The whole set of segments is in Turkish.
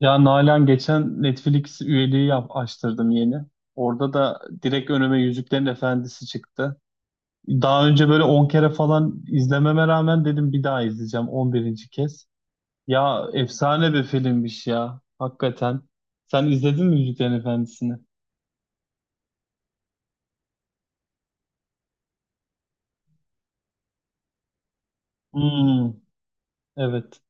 Ya Nalan, geçen Netflix üyeliği açtırdım yeni. Orada da direkt önüme Yüzüklerin Efendisi çıktı. Daha önce böyle 10 kere falan izlememe rağmen dedim bir daha izleyeceğim, 11'inci kez. Ya efsane bir filmmiş ya, hakikaten. Sen izledin mi Yüzüklerin Efendisi'ni? Hmm, evet.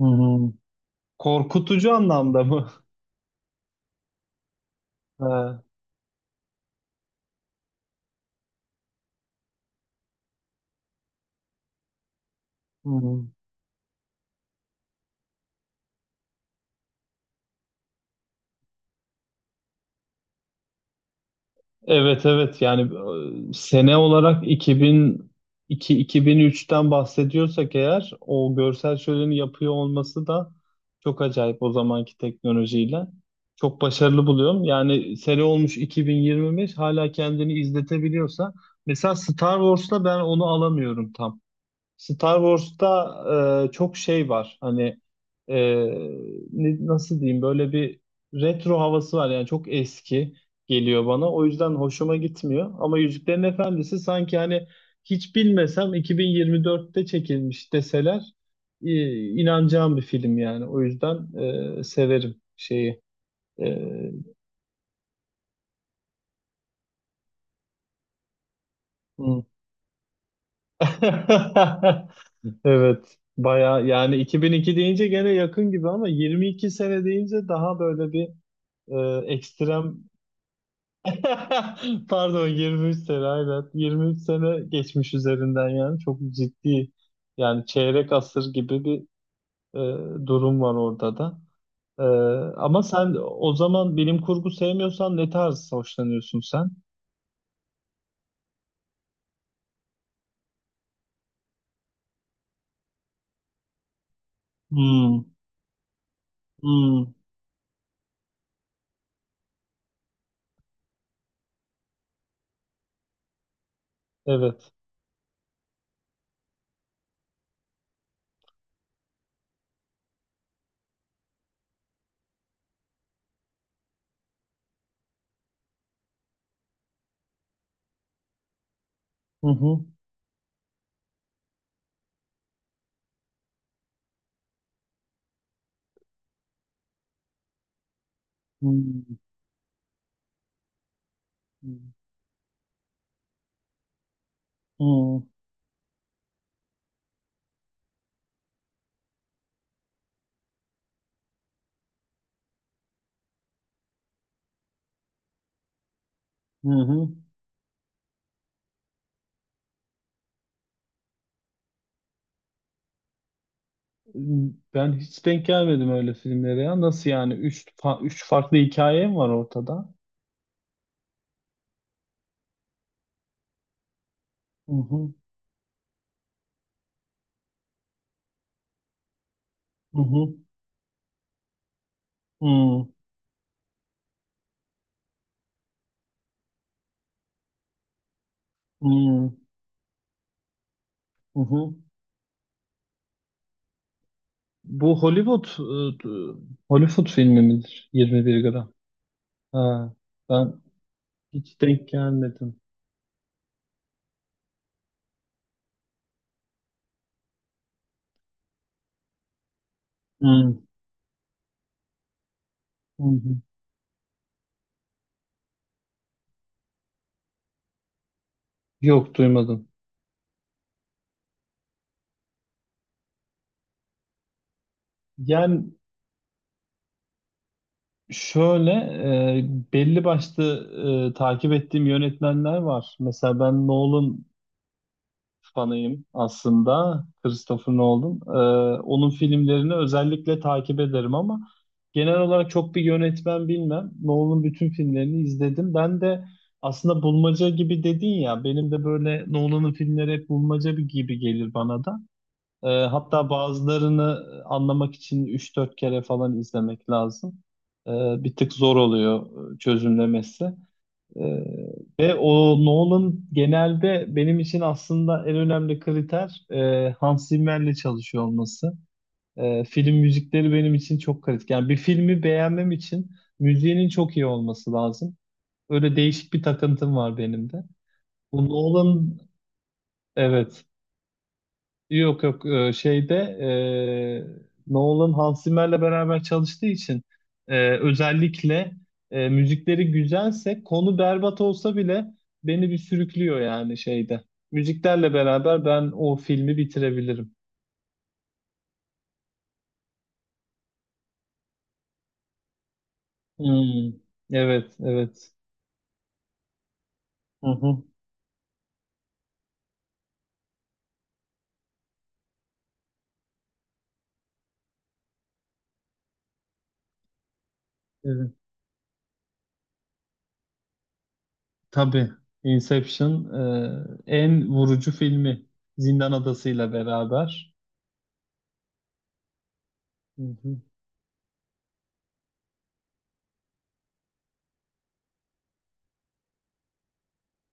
Hı hı. Korkutucu anlamda mı? Ha, hı hı. Evet evet yani, sene olarak 2002-2003'ten bahsediyorsak eğer, o görsel şöleni yapıyor olması da çok acayip o zamanki teknolojiyle. Çok başarılı buluyorum. Yani sene olmuş 2025, hala kendini izletebiliyorsa. Mesela Star Wars'ta ben onu alamıyorum tam. Star Wars'ta çok şey var. Hani, e, nasıl diyeyim, böyle bir retro havası var. Yani çok eski geliyor bana. O yüzden hoşuma gitmiyor. Ama Yüzüklerin Efendisi sanki hani hiç bilmesem 2024'te çekilmiş deseler e, inanacağım bir film yani. O yüzden severim şeyi. E, hmm. Evet. Baya, yani 2002 deyince gene yakın gibi ama 22 sene deyince daha böyle bir ekstrem. Pardon, 23 sene, aynen 23 sene geçmiş üzerinden, yani çok ciddi, yani çeyrek asır gibi bir e, durum var orada da. Ee, Ama sen o zaman bilim kurgu sevmiyorsan ne tarz hoşlanıyorsun sen? Hmm, hmm, evet. Hı hı, hı hı, hı hı. Hı. Ben hiç denk gelmedim öyle filmlere ya. Nasıl yani? Üç farklı hikaye mi var ortada? Hı hı, hı hı. Hmm, hmm, hı hı. Bu e, Hollywood filmi midir? 21 gram. Ha, ben hiç denk gelmedim. Hmm, hı hı. Yok, duymadım. Yani şöyle, belli başlı takip ettiğim yönetmenler var. Mesela ben Nolan fanıyım aslında, Christopher Nolan. Onun filmlerini özellikle takip ederim ama genel olarak çok bir yönetmen bilmem. Nolan'ın bütün filmlerini izledim. Ben de aslında bulmaca gibi dedin ya, benim de böyle Nolan'ın filmleri hep bulmaca gibi gelir bana da. Hatta bazılarını anlamak için üç dört kere falan izlemek lazım. Ee, Bir tık zor oluyor çözümlemesi. Ee, Ve o Nolan genelde benim için aslında en önemli kriter, Hans Zimmer'le çalışıyor olması. Film müzikleri benim için çok kritik. Yani bir filmi beğenmem için müziğinin çok iyi olması lazım. Öyle değişik bir takıntım var benim de. Bu Nolan, evet. Yok yok, şeyde, Nolan Hans Zimmer'le beraber çalıştığı için özellikle müzikleri güzelse konu berbat olsa bile beni bir sürüklüyor yani şeyde. Müziklerle beraber ben o filmi bitirebilirim. Hmm. Evet evet. Hı hı. Evet, tabii Inception en vurucu filmi, Zindan Adası'yla beraber. Hı hı.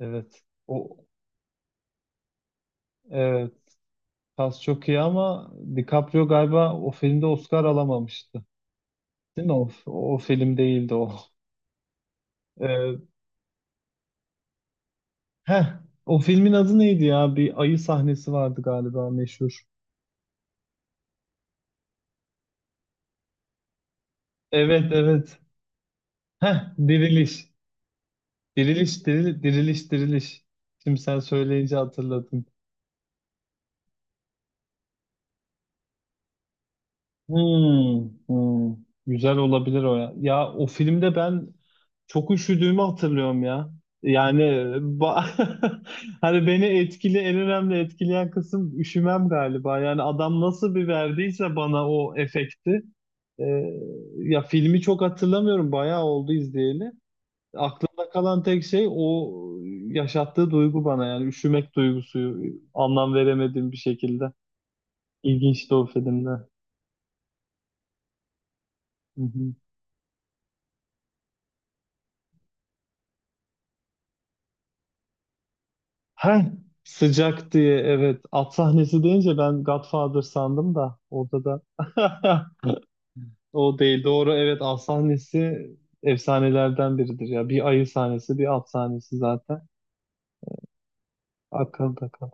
Evet. O, evet. Kas çok iyi ama DiCaprio galiba o filmde Oscar alamamıştı. Değil mi? O film değildi o. Ee, Heh, o filmin adı neydi ya? Bir ayı sahnesi vardı galiba, meşhur. Evet evet. Heh, diriliş. Diriliş, diriliş, diriliş. Şimdi sen söyleyince hatırladım. Hmm, hmm. Güzel olabilir o ya. Ya o filmde ben çok üşüdüğümü hatırlıyorum ya. Yani ba- Hani beni en önemli etkileyen kısım üşümem galiba. Yani adam nasıl bir verdiyse bana o efekti. Ee, Ya filmi çok hatırlamıyorum. Bayağı oldu izleyeli. Aklımda kalan tek şey o yaşattığı duygu bana, yani üşümek duygusu, anlam veremediğim bir şekilde. İlginçti o filmde. Hı hı. Ha, sıcak diye, evet, at sahnesi deyince ben Godfather sandım da orada da. O değil, doğru, evet, at sahnesi efsanelerden biridir ya, bir ayı sahnesi bir at sahnesi zaten akılda kal.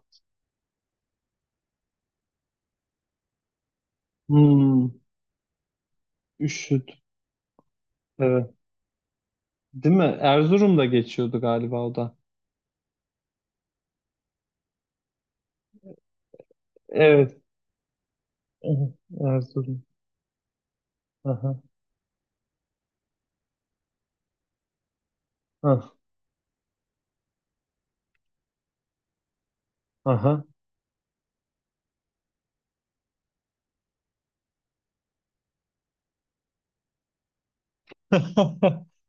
Hmm. Üşüt, evet, değil mi? Erzurum'da geçiyordu galiba o da. Evet. Aha, Erzurum. Aha. Ah, aha.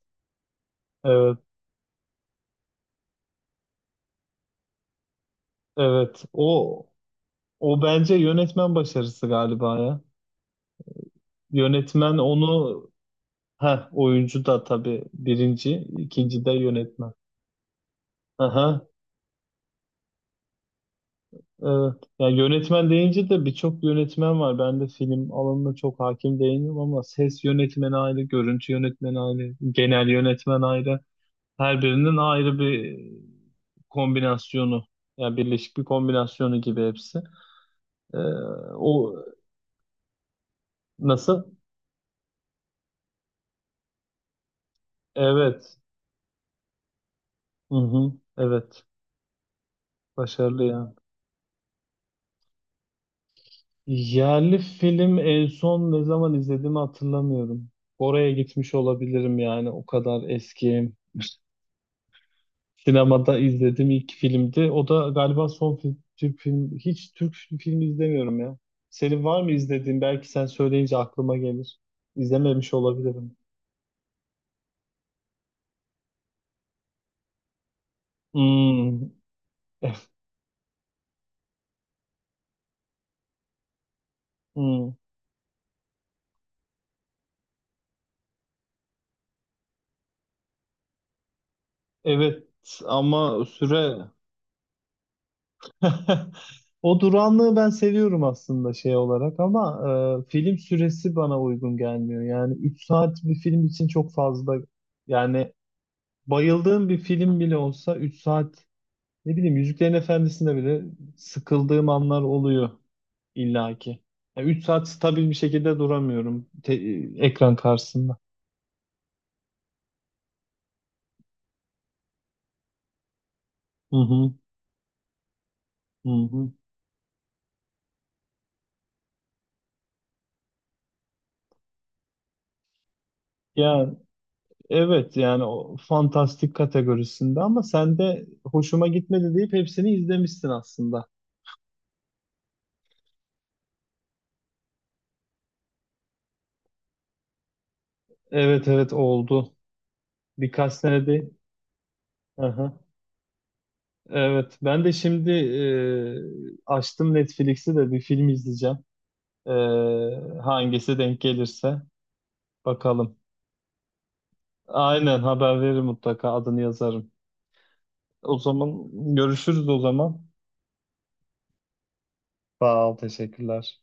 Evet evet. O bence yönetmen başarısı galiba ya. Yönetmen onu Ha, oyuncu da tabii birinci, ikinci de yönetmen. Aha, evet. Ya yönetmen deyince de birçok yönetmen var. Ben de film alanına çok hakim değilim ama ses yönetmeni ayrı, görüntü yönetmeni ayrı, genel yönetmen ayrı. Her birinin ayrı bir kombinasyonu, yani birleşik bir kombinasyonu gibi hepsi. Ee, O nasıl? Evet. Hı hı, evet. Başarılı ya. Yerli film en son ne zaman izlediğimi hatırlamıyorum. Oraya gitmiş olabilirim yani, o kadar eski. Sinemada izlediğim ilk filmdi. O da galiba son film, Türk film. Hiç Türk filmi izlemiyorum ya. Senin var mı izlediğin? Belki sen söyleyince aklıma gelir. İzlememiş olabilirim. Hmm. Hmm. Evet, ama süre. O duranlığı ben seviyorum aslında şey olarak ama film süresi bana uygun gelmiyor. Yani 3 saat bir film için çok fazla. Yani bayıldığım bir film bile olsa 3 saat, ne bileyim, Yüzüklerin Efendisi'nde bile sıkıldığım anlar oluyor illaki. Yani 3 saat stabil bir şekilde duramıyorum ekran karşısında. Hı hı, hı hı. Ya evet, yani o fantastik kategorisinde ama sen de hoşuma gitmedi deyip hepsini izlemişsin aslında. Evet evet, oldu. Birkaç sene değil. Aha. Evet, ben de şimdi açtım Netflix'i de bir film izleyeceğim. E, Hangisi denk gelirse bakalım. Aynen, haber veririm mutlaka, adını yazarım. O zaman görüşürüz o zaman. Sağ ol, teşekkürler.